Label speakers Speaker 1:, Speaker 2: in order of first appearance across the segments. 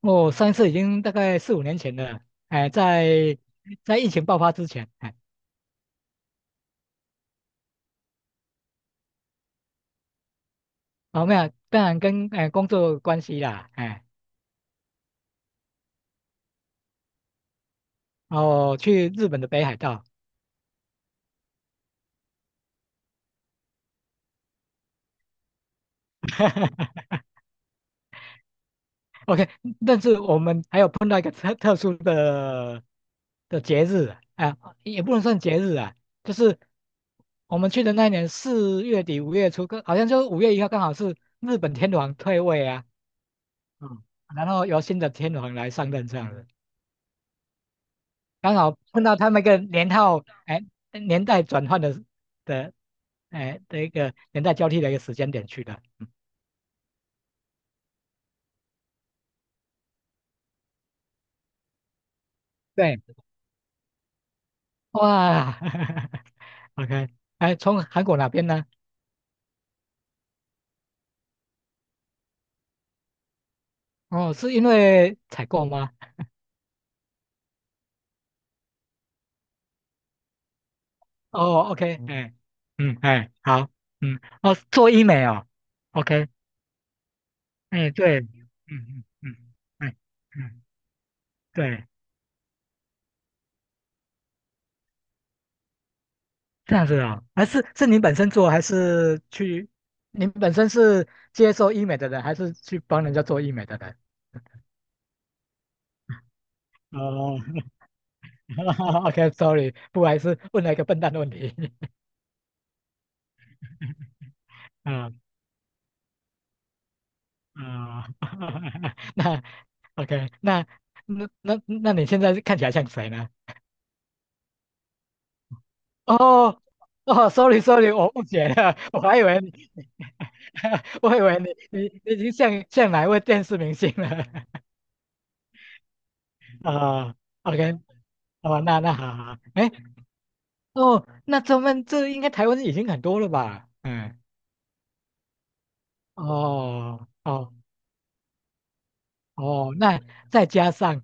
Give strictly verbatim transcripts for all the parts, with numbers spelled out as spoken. Speaker 1: 哦，上一次已经大概四五年前了，哎，在在疫情爆发之前，哎，哦，没有，当然跟哎工作有关系啦，哎，哦，去日本的北海道。 ，OK，但是我们还有碰到一个特特殊的的节日，啊，哎也不能算节日啊，就是我们去的那一年四月底五月初，刚好像就五月一号刚好是日本天皇退位啊。嗯，然后由新的天皇来上任，这样刚好碰到他们一个年号，哎，年代转换的的，哎的一个年代交替的一个时间点去的。嗯，对。哇。 ，OK，哎，从韩国哪边呢？哦，是因为采购吗？哦，OK。哎，嗯，哎，好。嗯，哦，做医美哦。OK，哎，对。嗯嗯嗯。哎，嗯，对，这样子啊，还是是您本身做，还是去？您本身是接受医美的人，还是去帮人家做医美的人？哦。 ，OK，sorry，不好意思，问了一个笨蛋的问题。啊啊。那 OK，那那那那你现在看起来像谁呢？哦哦，sorry sorry，我误解了。我还以为你。我以为你你你已经像像哪一位电视明星了。啊，OK，哦，那那好好。哎，哦，那咱们这应该台湾已经很多了吧？嗯。哦，哦，哦，那再加上，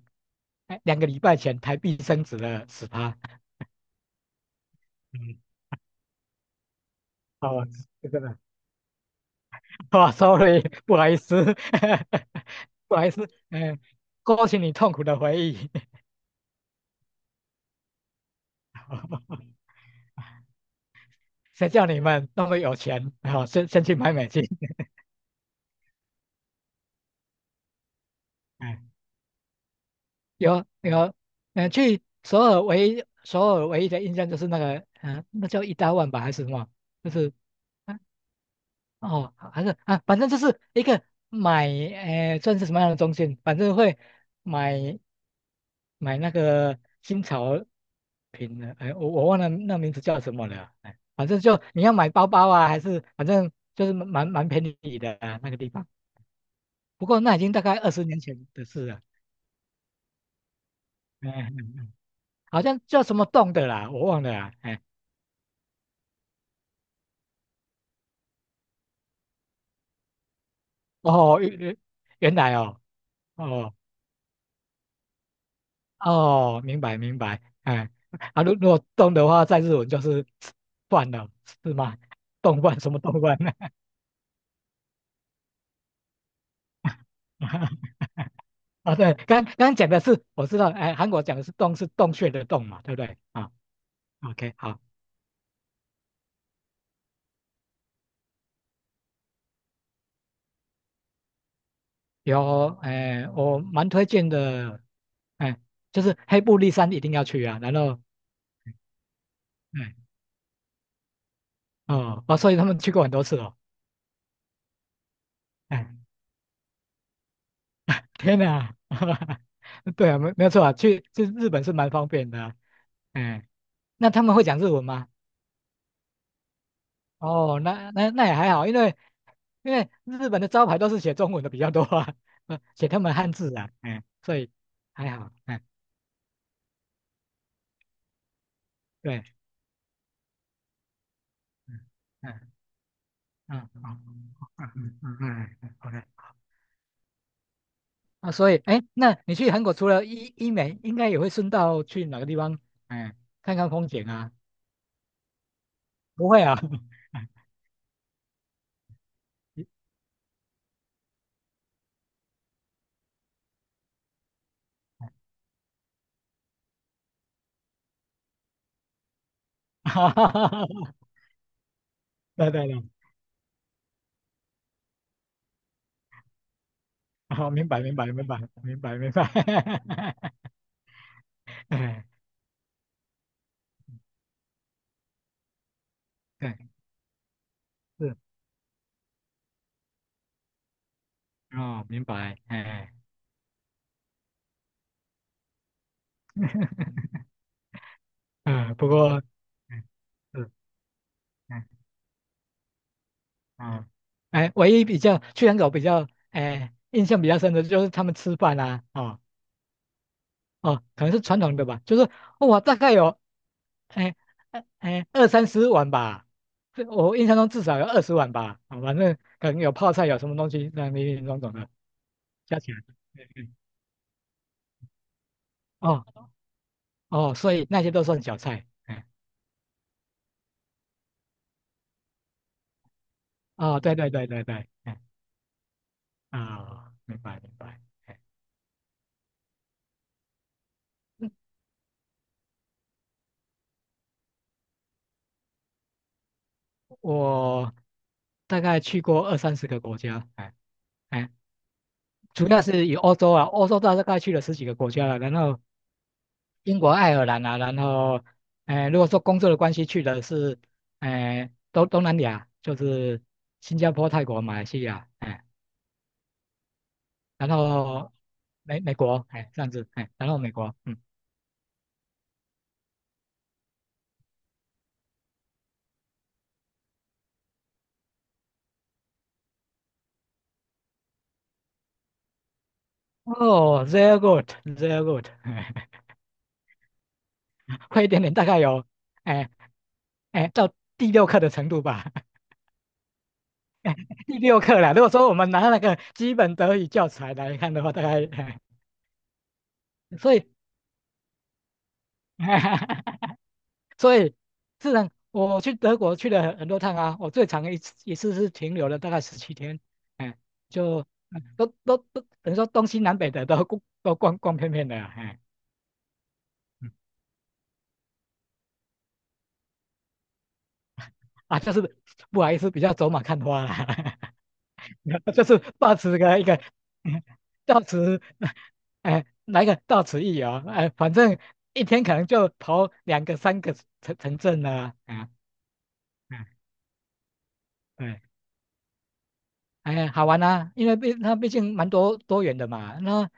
Speaker 1: 哎，两个礼拜前台币升值了十趴。嗯，哦，这个的，哇，sorry。不好意思。不好意思。嗯，勾起你痛苦的回忆。谁叫你们那么有钱？好，先先去买美金。有有，呃，去首尔唯一首尔唯一的印象就是那个。嗯、那叫一大万吧还是什么？就是，啊哦，还是啊，反正就是一个买，呃，算是什么样的中心，反正会买买那个新潮品的。哎，我我忘了那名字叫什么了。哎，反正就你要买包包啊，还是反正就是蛮蛮便宜的、啊、那个地方。不过那已经大概二十年前的事了。哎嗯嗯嗯，好像叫什么洞的啦，我忘了啊。哎哦，原原原来哦。哦哦，明白明白。哎，啊，如如果动的话，在日文就是饭了，是吗？动饭什么动饭呢？啊，对，刚刚刚讲的是我知道，哎，韩国讲的是洞是洞穴的洞嘛，对不对？啊，OK，好。有，哎，我蛮推荐的，哎，就是黑布利山一定要去啊。然后，哎，哦，哦，所以他们去过很多次哦。哎。天哪。对啊，没没有错啊，去去日本是蛮方便的啊。嗯，那他们会讲日文吗？哦，那那那也还好。因为因为日本的招牌都是写中文的比较多啊，呃写他们汉字啊。嗯，所以还好。嗯，对。嗯嗯嗯嗯嗯嗯嗯嗯。OK，啊，所以哎，那你去韩国除了医医美，应该也会顺道去哪个地方，哎，看看风景啊？不会啊。哈哈哈哈哈。对对对，哦，明白，明白，明白，明白，明白。哎，对，是，哦，明白。哎，呃，不过，嗯，是，嗯，哦，哎，唯一比较去养狗比较，哎，印象比较深的就是他们吃饭啊。哦，哦，可能是传统的吧，就是我大概有。哎，哎，哎，二三十碗吧，这我印象中至少有二十碗吧。哦，反正可能有泡菜，有什么东西，那林林总总的加起来。嗯嗯，哦，哦，所以那些都算小菜。哎，哦，对对对对对。哎，啊、明白明白。哎，我大概去过二三十个国家。哎哎，主要是以欧洲啊，欧洲大概去了十几个国家了。然后英国、爱尔兰啊。然后，哎，如果说工作的关系去的是，哎，东东南亚，就是新加坡、泰国、马来西亚。哎，然后美美国。哎，这样子。哎，然后美国。嗯，哦，very good，very good。快一点点，大概有，哎哎，到第六课的程度吧。第六课了。如果说我们拿那个基本德语教材来看的话，大概，哎所以。所以，自然我去德国去了很很多趟啊，我最长一次一次是停留了大概十七天。哎，就嗯都都都等于说东西南北的都。 逛都逛逛遍遍的啊，哎，嗯啊，就是不好意思，比较走马看花啦。就是抱持个一个。 抱持，到此哎，来个到此一游。哎，反正一天可能就跑两个、三个城城镇了。啊，嗯，对，哎，好玩啊。因为毕它毕竟蛮多多元的嘛。那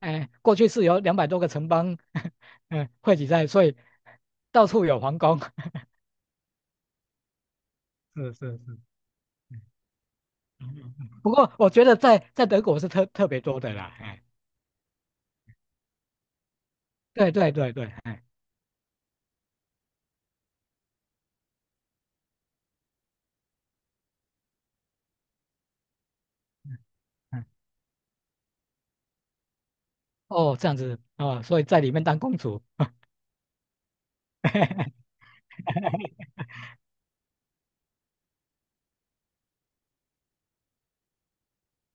Speaker 1: 哎，过去是有两百多个城邦。嗯，汇集在，所以到处有皇宫。是是是。嗯嗯嗯不过我觉得在在德国是特特别多的啦。哎，对对对对。哎。嗯，哦，这样子哦，所以在里面当公主。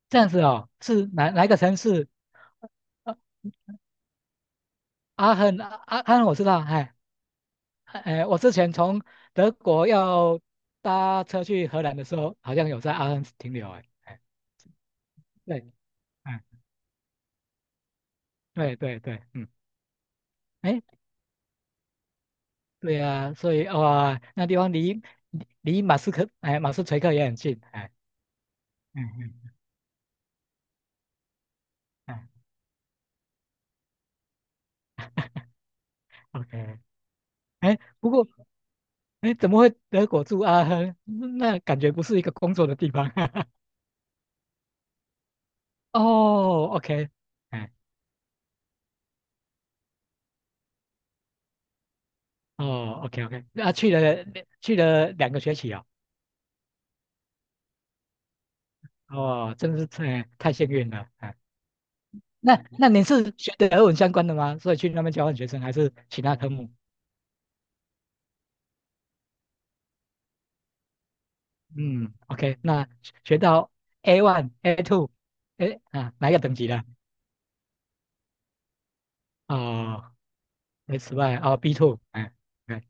Speaker 1: 这样子哦，是哪哪一个城市？呃阿亨，阿阿亨我知道。哎，哎，我之前从德国要搭车去荷兰的时候，好像有在阿亨停留。哎，哎，对。哎，对对对。嗯，哎，对呀，所以哇，那地方离离离马斯克，哎，马斯垂克也很近。哎，嗯嗯。哎，OK。哎，不过，哎，怎么会德国住阿亨？那感觉不是一个工作的地方。哦，OK。哎。哦，OK OK，那、啊去了去了两个学期哦？哦，真是太太幸运了。哎，那那你是学的俄文相关的吗？所以去那边交换学生还是其他科目？嗯，OK，那学到 A one、A two，哎啊，哪一个等级的？哦，S one 哦，B two。哎，对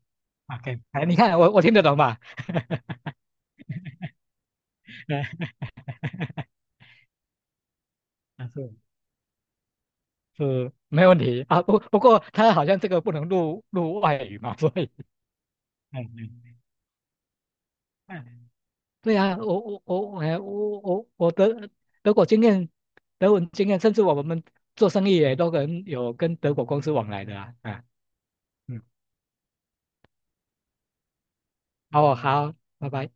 Speaker 1: ，OK。哎，你看我我听得懂吧？哎是是没问题啊。不不过他好像这个不能录录外语嘛，所以。嗯嗯，对啊，我我我哎我我我德德国经验，德文经验，甚至我们做生意也都可能有跟德国公司往来的啊。啊，嗯，好，好，拜拜。